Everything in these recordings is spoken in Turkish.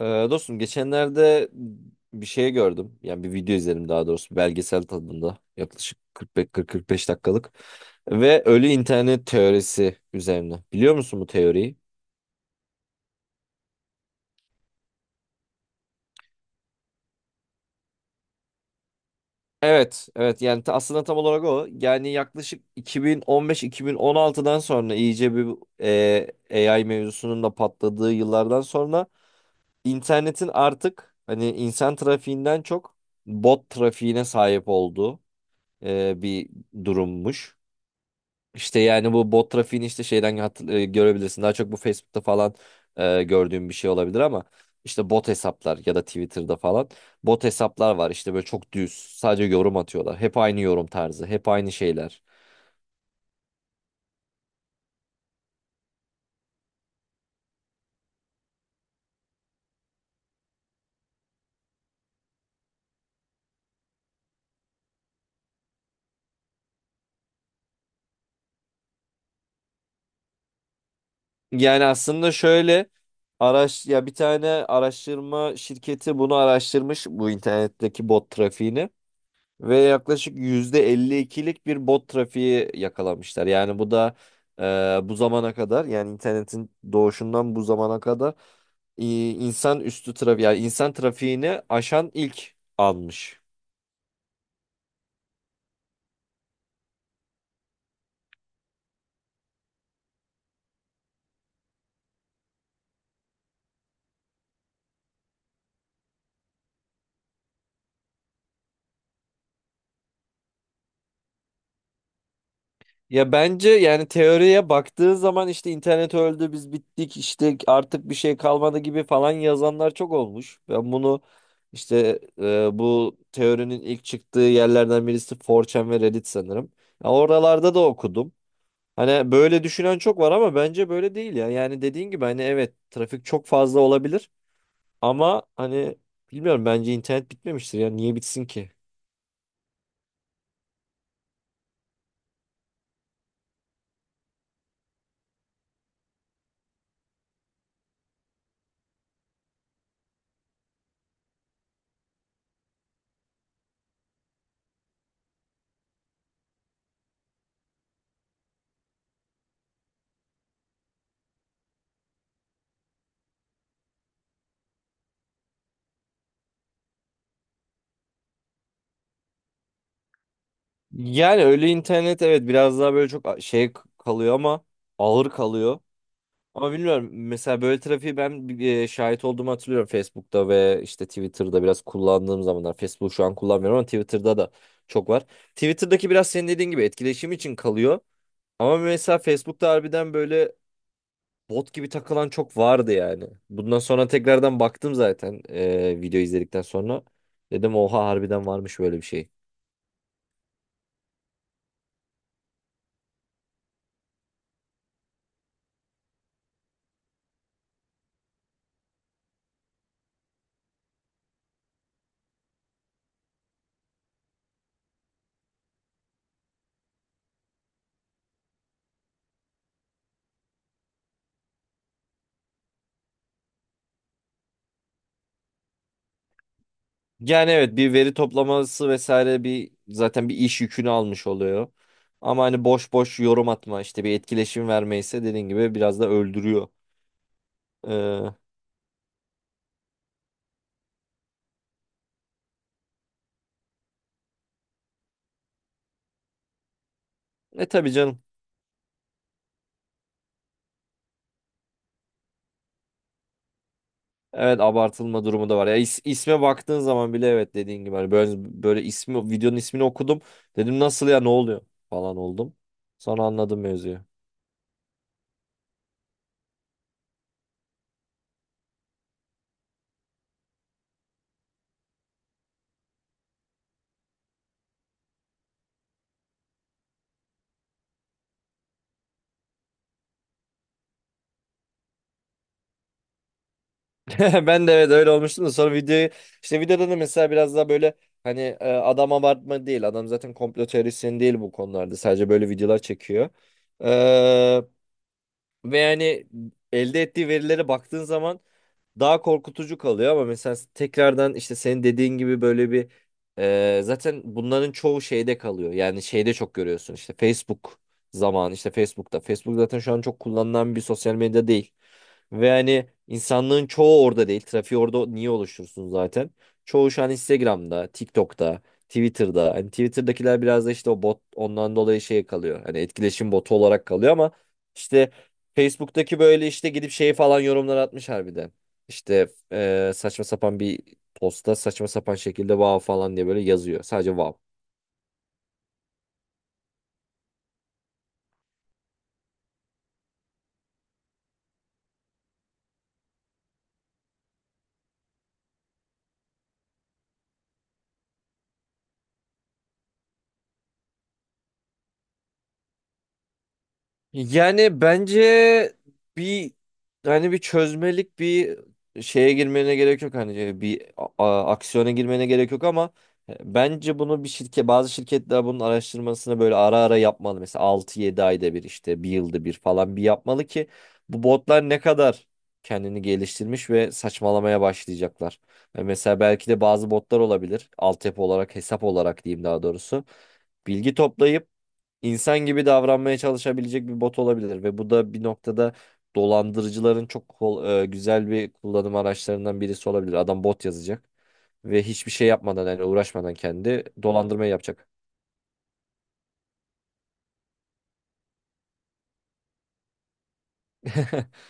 Ee, dostum geçenlerde bir şey gördüm. Yani bir video izledim, daha doğrusu belgesel tadında yaklaşık 45-45 dakikalık. Ve ölü internet teorisi üzerine. Biliyor musun bu teoriyi? Evet, evet, yani aslında tam olarak o. Yani yaklaşık 2015-2016'dan sonra iyice bir AI mevzusunun da patladığı yıllardan sonra internetin artık hani insan trafiğinden çok bot trafiğine sahip olduğu bir durummuş. İşte yani bu bot trafiğini işte şeyden görebilirsin. Daha çok bu Facebook'ta falan gördüğüm bir şey olabilir ama işte bot hesaplar ya da Twitter'da falan bot hesaplar var. İşte böyle çok düz sadece yorum atıyorlar. Hep aynı yorum tarzı, hep aynı şeyler. Yani aslında şöyle ya, bir tane araştırma şirketi bunu araştırmış, bu internetteki bot trafiğini. Ve yaklaşık %52'lik bir bot trafiği yakalamışlar. Yani bu da bu zamana kadar, yani internetin doğuşundan bu zamana kadar insan üstü trafik, yani insan trafiğini aşan ilk almış. Ya bence yani teoriye baktığın zaman, işte internet öldü, biz bittik, işte artık bir şey kalmadı gibi falan yazanlar çok olmuş. Ben bunu işte bu teorinin ilk çıktığı yerlerden birisi 4chan ve Reddit sanırım. Ya oralarda da okudum. Hani böyle düşünen çok var ama bence böyle değil ya. Yani dediğin gibi hani, evet, trafik çok fazla olabilir ama hani, bilmiyorum, bence internet bitmemiştir ya. Niye bitsin ki? Yani öyle internet, evet, biraz daha böyle çok şey kalıyor ama ağır kalıyor. Ama bilmiyorum, mesela böyle trafiği ben şahit olduğumu hatırlıyorum Facebook'ta ve işte Twitter'da biraz kullandığım zamanlar. Facebook şu an kullanmıyorum ama Twitter'da da çok var. Twitter'daki biraz senin dediğin gibi etkileşim için kalıyor. Ama mesela Facebook'ta harbiden böyle bot gibi takılan çok vardı yani. Bundan sonra tekrardan baktım zaten video izledikten sonra. Dedim oha, harbiden varmış böyle bir şey. Yani evet, bir veri toplaması vesaire, bir zaten bir iş yükünü almış oluyor. Ama hani boş boş yorum atma, işte bir etkileşim vermeyse dediğin gibi biraz da öldürüyor. E, tabii canım. Evet, abartılma durumu da var. Ya isme baktığın zaman bile, evet, dediğin gibi hani böyle, böyle videonun ismini okudum. Dedim nasıl ya, ne oluyor falan oldum. Sonra anladım mevzuyu. Ben de evet öyle olmuştum da, sonra işte videoda da mesela biraz daha böyle hani adam abartma değil, adam zaten komplo teorisyeni değil, bu konularda sadece böyle videolar çekiyor. Ee, ve yani elde ettiği verilere baktığın zaman daha korkutucu kalıyor ama mesela tekrardan işte senin dediğin gibi böyle bir zaten bunların çoğu şeyde kalıyor. Yani şeyde çok görüyorsun, işte Facebook zaman işte Facebook'ta. Facebook zaten şu an çok kullanılan bir sosyal medya değil. Ve hani insanlığın çoğu orada değil. Trafiği orada niye oluştursun zaten? Çoğu şu an Instagram'da, TikTok'ta, Twitter'da. Hani Twitter'dakiler biraz da işte o bot, ondan dolayı şey kalıyor. Hani etkileşim botu olarak kalıyor ama işte Facebook'taki böyle işte gidip şey falan yorumlar atmış harbiden. İşte saçma sapan bir posta, saçma sapan şekilde vav falan diye böyle yazıyor. Sadece vav. Yani bence bir, hani bir çözmelik bir şeye girmene gerek yok, hani bir aksiyona girmene gerek yok ama bence bunu bir şirket, bazı şirketler bunun araştırmasını böyle ara ara yapmalı. Mesela 6-7 ayda bir, işte bir yılda bir falan bir yapmalı ki bu botlar ne kadar kendini geliştirmiş ve saçmalamaya başlayacaklar. Mesela belki de bazı botlar olabilir. Altyapı olarak, hesap olarak diyeyim daha doğrusu. Bilgi toplayıp insan gibi davranmaya çalışabilecek bir bot olabilir ve bu da bir noktada dolandırıcıların çok güzel bir kullanım araçlarından birisi olabilir. Adam bot yazacak ve hiçbir şey yapmadan, yani uğraşmadan kendi dolandırmayı yapacak.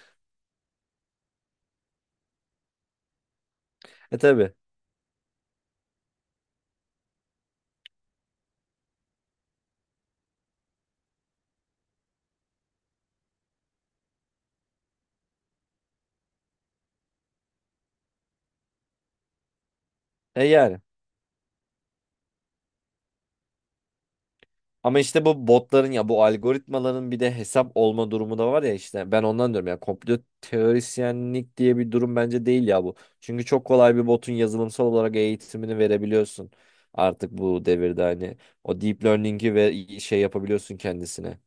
E tabii. E yani. Ama işte bu botların ya bu algoritmaların bir de hesap olma durumu da var ya, işte ben ondan diyorum ya, komplo teorisyenlik diye bir durum bence değil ya bu. Çünkü çok kolay bir botun yazılımsal olarak eğitimini verebiliyorsun artık bu devirde, hani o deep learning'i ve şey yapabiliyorsun kendisine.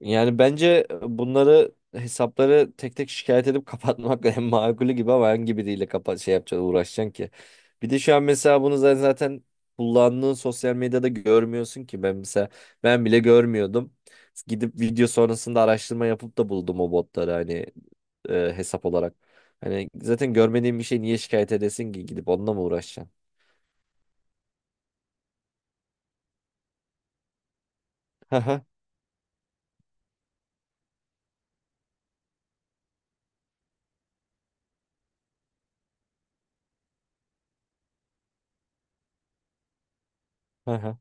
Yani bence bunları, hesapları tek tek şikayet edip kapatmak en makulü gibi ama hangi biriyle kapat, şey yapacaksın, uğraşacaksın ki. Bir de şu an mesela bunu zaten kullandığın sosyal medyada görmüyorsun ki, ben mesela ben bile görmüyordum. Gidip video sonrasında araştırma yapıp da buldum o botları, hani hesap olarak. Hani zaten görmediğin bir şey niye şikayet edesin ki, gidip onunla mı uğraşacaksın? Haha. Haha.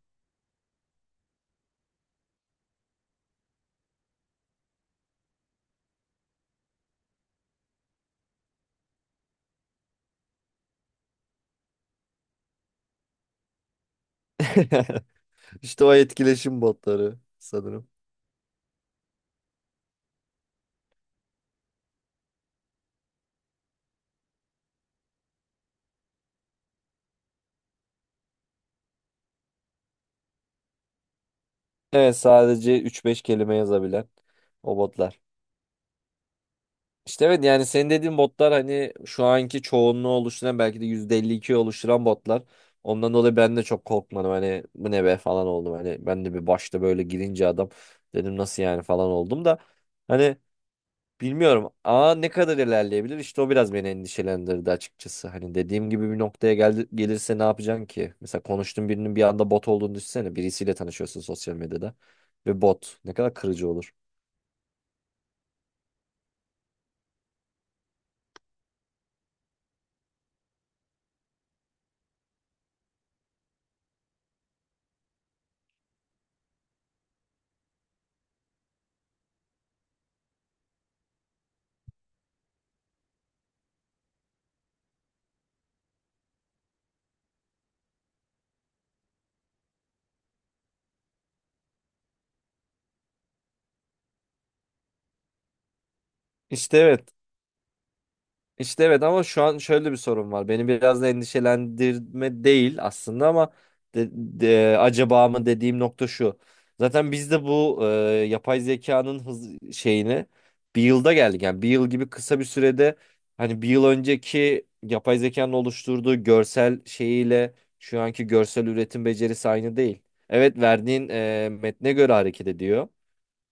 İşte o etkileşim botları sanırım. Evet, sadece üç beş kelime yazabilen o botlar. İşte evet, yani senin dediğin botlar, hani şu anki çoğunluğu oluşturan, belki de %52'yi oluşturan botlar. Ondan dolayı ben de çok korkmadım, hani bu ne be falan oldum. Hani ben de bir başta böyle girince adam, dedim nasıl yani falan oldum da. Hani bilmiyorum, ne kadar ilerleyebilir işte, o biraz beni endişelendirdi açıkçası. Hani dediğim gibi bir noktaya gelirse ne yapacaksın ki? Mesela konuştuğun birinin bir anda bot olduğunu düşünsene, birisiyle tanışıyorsun sosyal medyada ve bot, ne kadar kırıcı olur. İşte evet. İşte evet ama şu an şöyle bir sorun var. Beni biraz da endişelendirme değil aslında ama acaba mı dediğim nokta şu. Zaten biz de bu yapay zekanın hız şeyini bir yılda geldik. Yani bir yıl gibi kısa bir sürede hani bir yıl önceki yapay zekanın oluşturduğu görsel şeyiyle şu anki görsel üretim becerisi aynı değil. Evet, verdiğin metne göre hareket ediyor.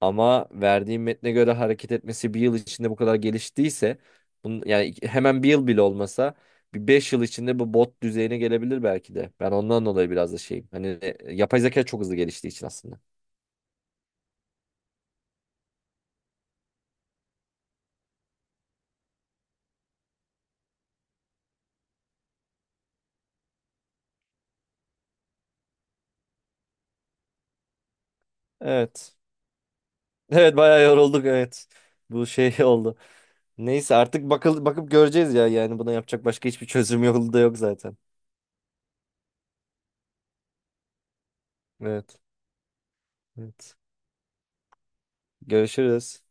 Ama verdiğim metne göre hareket etmesi bir yıl içinde bu kadar geliştiyse bunun, yani hemen bir yıl bile olmasa bir 5 yıl içinde bu bot düzeyine gelebilir belki de. Ben ondan dolayı biraz da şeyim. Hani yapay zeka çok hızlı geliştiği için aslında. Evet. Evet, bayağı yorulduk, evet. Bu şey oldu. Neyse, artık bakıp göreceğiz ya. Yani buna yapacak başka hiçbir çözüm yolu da yok zaten. Evet. Evet. Görüşürüz.